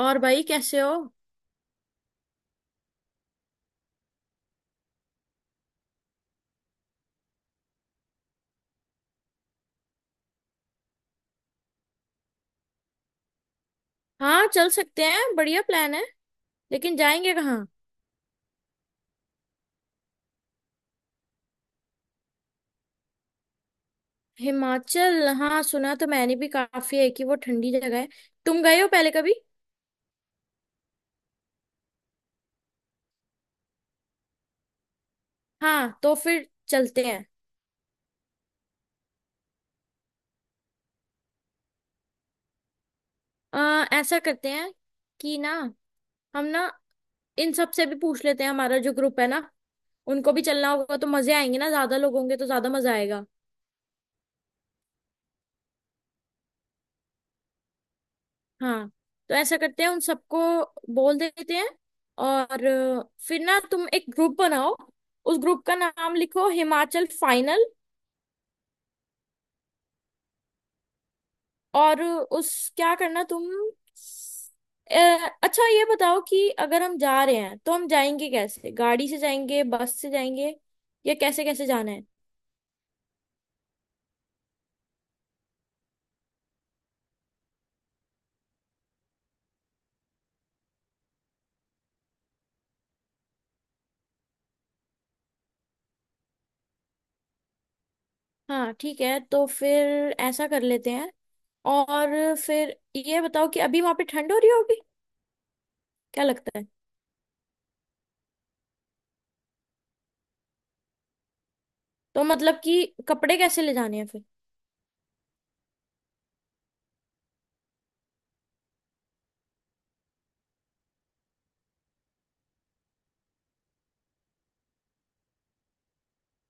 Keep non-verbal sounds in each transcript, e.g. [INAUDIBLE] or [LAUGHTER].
और भाई कैसे हो? हाँ चल सकते हैं, बढ़िया प्लान है। लेकिन जाएंगे कहाँ? हिमाचल, हाँ सुना तो मैंने भी काफी है कि वो ठंडी जगह है। तुम गए हो पहले कभी? हाँ तो फिर चलते हैं। ऐसा करते हैं कि ना हम ना इन सब से भी पूछ लेते हैं, हमारा जो ग्रुप है ना। उनको भी चलना होगा तो मजे आएंगे ना, ज्यादा लोग होंगे तो ज्यादा मजा आएगा। हाँ तो ऐसा करते हैं, उन सबको बोल देते हैं। और फिर ना तुम एक ग्रुप बनाओ, उस ग्रुप का नाम लिखो हिमाचल फाइनल। और उस क्या करना तुम, अच्छा ये बताओ कि अगर हम जा रहे हैं तो हम जाएंगे कैसे, गाड़ी से जाएंगे बस से जाएंगे या कैसे कैसे जाना है? हाँ ठीक है, तो फिर ऐसा कर लेते हैं। और फिर ये बताओ कि अभी वहां पे ठंड हो रही होगी, क्या लगता है? तो मतलब कि कपड़े कैसे ले जाने हैं फिर?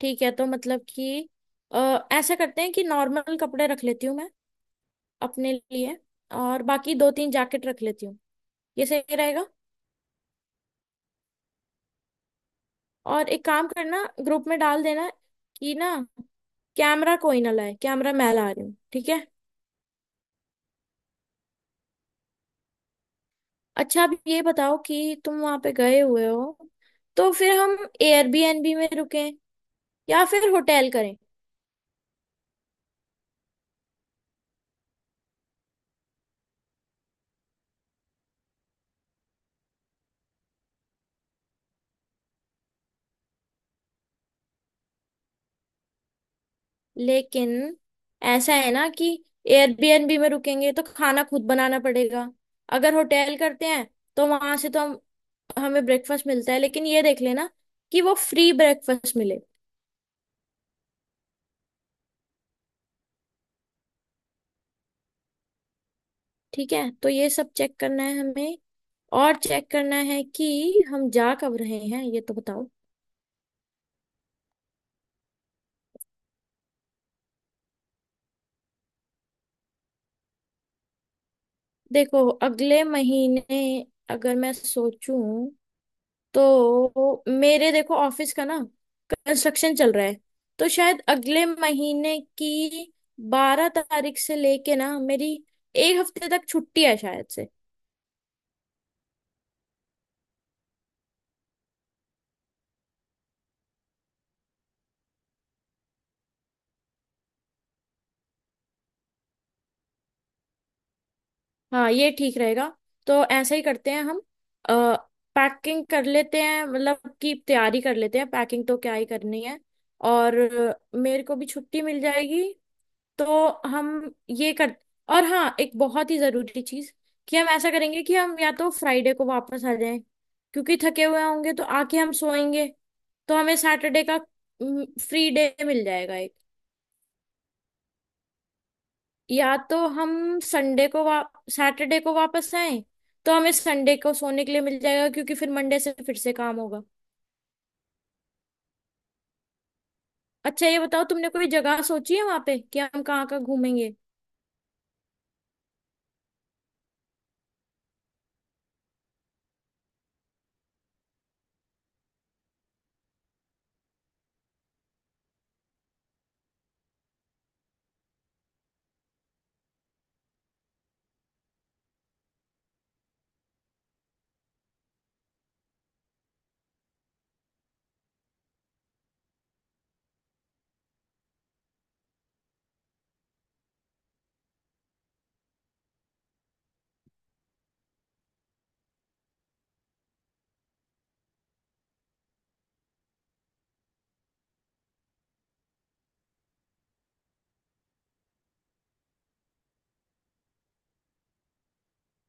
ठीक है, तो मतलब कि अ, ऐसा करते हैं कि नॉर्मल कपड़े रख लेती हूँ मैं अपने लिए। और बाकी दो तीन जैकेट रख लेती हूँ, ये सही रहेगा। और एक काम करना, ग्रुप में डाल देना कि ना कैमरा कोई ना लाए, कैमरा मैं ला रही हूँ, ठीक है। अच्छा अब ये बताओ कि तुम वहां पे गए हुए हो, तो फिर हम एयरबीएनबी में रुकें या फिर होटल करें? लेकिन ऐसा है ना कि एयरबीएनबी में रुकेंगे तो खाना खुद बनाना पड़ेगा। अगर होटल करते हैं तो वहां से तो हम हमें ब्रेकफास्ट मिलता है, लेकिन ये देख लेना कि वो फ्री ब्रेकफास्ट मिले। ठीक है, तो ये सब चेक करना है हमें। और चेक करना है कि हम जा कब रहे हैं, ये तो बताओ। देखो अगले महीने, अगर मैं सोचूं तो मेरे, देखो ऑफिस का ना कंस्ट्रक्शन चल रहा है, तो शायद अगले महीने की 12 तारीख से लेके ना मेरी एक हफ्ते तक छुट्टी है शायद से। हाँ ये ठीक रहेगा, तो ऐसा ही करते हैं हम। आ, पैकिंग कर लेते हैं, मतलब की तैयारी कर लेते हैं, पैकिंग तो क्या ही करनी है। और मेरे को भी छुट्टी मिल जाएगी तो हम ये कर। और हाँ एक बहुत ही जरूरी चीज कि हम ऐसा करेंगे कि हम या तो फ्राइडे को वापस आ जाएं, क्योंकि थके हुए होंगे तो आके हम सोएंगे, तो हमें सैटरडे का फ्री डे मिल जाएगा एक। या तो हम संडे को वा सैटरडे को वापस आए, तो हमें संडे को सोने के लिए मिल जाएगा क्योंकि फिर मंडे से फिर से काम होगा। अच्छा ये बताओ तुमने कोई जगह सोची है वहां पे कि हम कहाँ कहाँ घूमेंगे?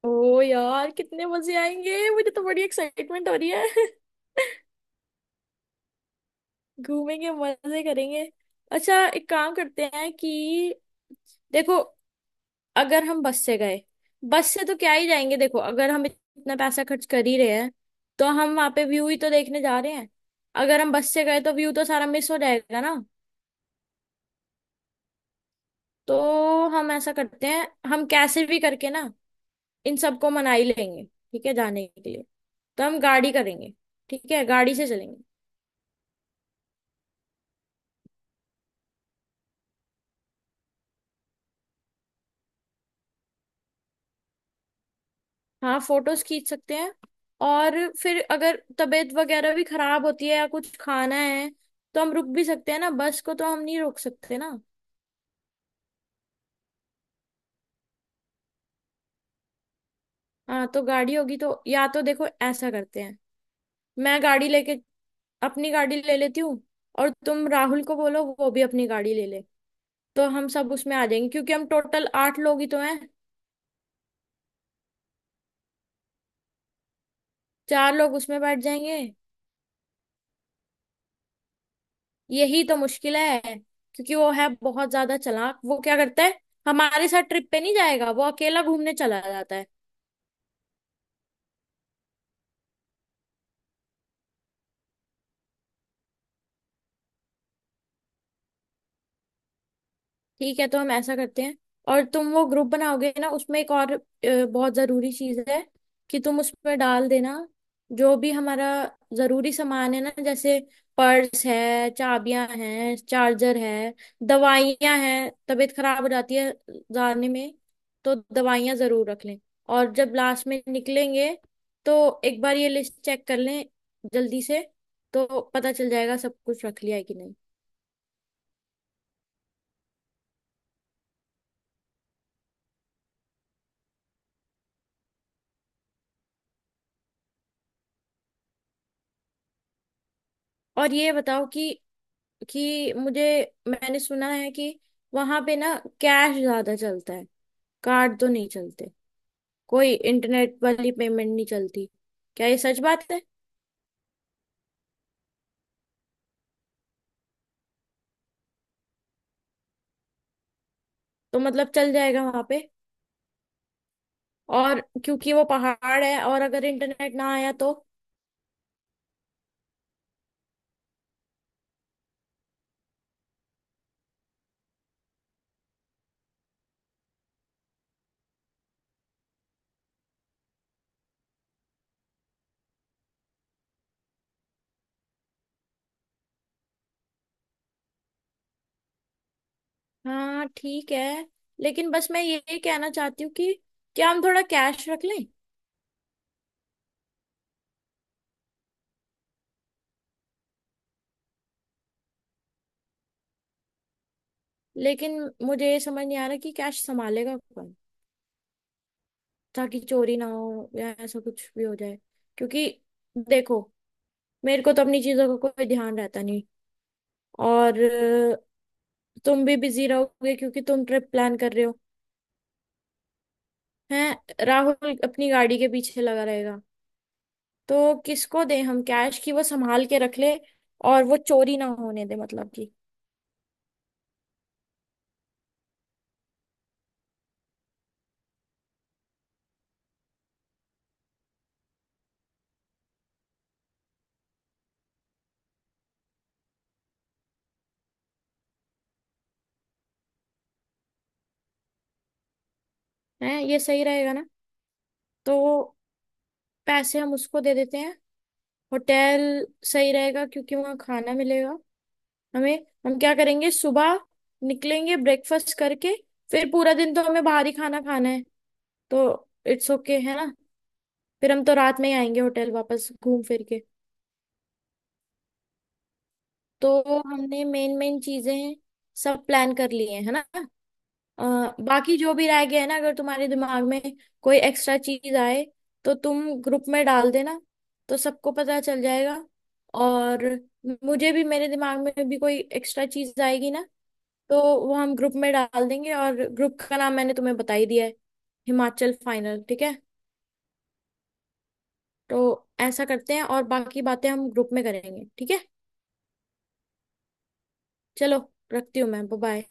ओ यार, कितने मजे आएंगे, मुझे तो बड़ी एक्साइटमेंट हो रही है। [LAUGHS] घूमेंगे मजे करेंगे। अच्छा एक काम करते हैं कि देखो अगर हम बस से गए, बस से तो क्या ही जाएंगे, देखो अगर हम इतना पैसा खर्च कर ही रहे हैं तो हम वहां पे व्यू ही तो देखने जा रहे हैं। अगर हम बस से गए तो व्यू तो सारा मिस हो जाएगा ना। तो हम ऐसा करते हैं, हम कैसे भी करके ना इन सबको मना ही लेंगे ठीक है जाने के लिए, तो हम गाड़ी करेंगे, ठीक है गाड़ी से चलेंगे। हाँ फोटोज खींच सकते हैं। और फिर अगर तबीयत वगैरह भी खराब होती है या कुछ खाना है, तो हम रुक भी सकते हैं ना, बस को तो हम नहीं रोक सकते ना। हाँ तो गाड़ी होगी तो या तो देखो ऐसा करते हैं, मैं गाड़ी लेके अपनी गाड़ी ले लेती हूँ, और तुम राहुल को बोलो वो भी अपनी गाड़ी ले ले, तो हम सब उसमें आ जाएंगे क्योंकि हम टोटल आठ लोग ही तो हैं। चार लोग उसमें बैठ जाएंगे, यही तो मुश्किल है, क्योंकि वो है बहुत ज्यादा चालाक। वो क्या करता है, हमारे साथ ट्रिप पे नहीं जाएगा, वो अकेला घूमने चला जाता है। ठीक है तो हम ऐसा करते हैं। और तुम वो ग्रुप बनाओगे ना, उसमें एक और बहुत ज़रूरी चीज़ है कि तुम उसमें डाल देना जो भी हमारा ज़रूरी सामान है ना, जैसे पर्स है, चाबियां हैं, चार्जर है, दवाइयां हैं, तबीयत खराब हो जाती है जाने में, तो दवाइयां ज़रूर रख लें। और जब लास्ट में निकलेंगे तो एक बार ये लिस्ट चेक कर लें जल्दी से, तो पता चल जाएगा सब कुछ रख लिया है कि नहीं। और ये बताओ कि मुझे, मैंने सुना है कि वहां पे ना कैश ज्यादा चलता है, कार्ड तो नहीं चलते, कोई इंटरनेट वाली पेमेंट नहीं चलती, क्या ये सच बात है? तो मतलब चल जाएगा वहां पे? और क्योंकि वो पहाड़ है, और अगर इंटरनेट ना आया तो? हाँ ठीक है, लेकिन बस मैं ये कहना चाहती हूँ कि क्या हम थोड़ा कैश रख लें? लेकिन मुझे ये समझ नहीं आ रहा कि कैश संभालेगा कौन, ताकि चोरी ना हो या ऐसा कुछ भी हो जाए, क्योंकि देखो मेरे को तो अपनी चीजों का कोई ध्यान रहता नहीं। और तुम भी बिजी रहोगे क्योंकि तुम ट्रिप प्लान कर रहे हो, हैं, राहुल अपनी गाड़ी के पीछे लगा रहेगा, तो किसको दें हम कैश की वो संभाल के रख ले और वो चोरी ना होने दे, मतलब कि है, ये सही रहेगा ना? तो पैसे हम उसको दे देते हैं। होटल सही रहेगा क्योंकि वहाँ खाना मिलेगा हमें, हम क्या करेंगे, सुबह निकलेंगे ब्रेकफास्ट करके, फिर पूरा दिन तो हमें बाहर ही खाना खाना है, तो इट्स ओके, है ना? फिर हम तो रात में ही आएंगे होटल वापस घूम फिर के। तो हमने मेन मेन चीजें सब प्लान कर लिए हैं, है ना? बाकी जो भी रह गया है ना, अगर तुम्हारे दिमाग में कोई एक्स्ट्रा चीज आए तो तुम ग्रुप में डाल देना, तो सबको पता चल जाएगा। और मुझे भी, मेरे दिमाग में भी कोई एक्स्ट्रा चीज आएगी ना, तो वो हम ग्रुप में डाल देंगे। और ग्रुप का नाम मैंने तुम्हें बता ही दिया है, हिमाचल फाइनल, ठीक है। तो ऐसा करते हैं और बाकी बातें हम ग्रुप में करेंगे, ठीक है। चलो रखती हूँ मैं, बाय।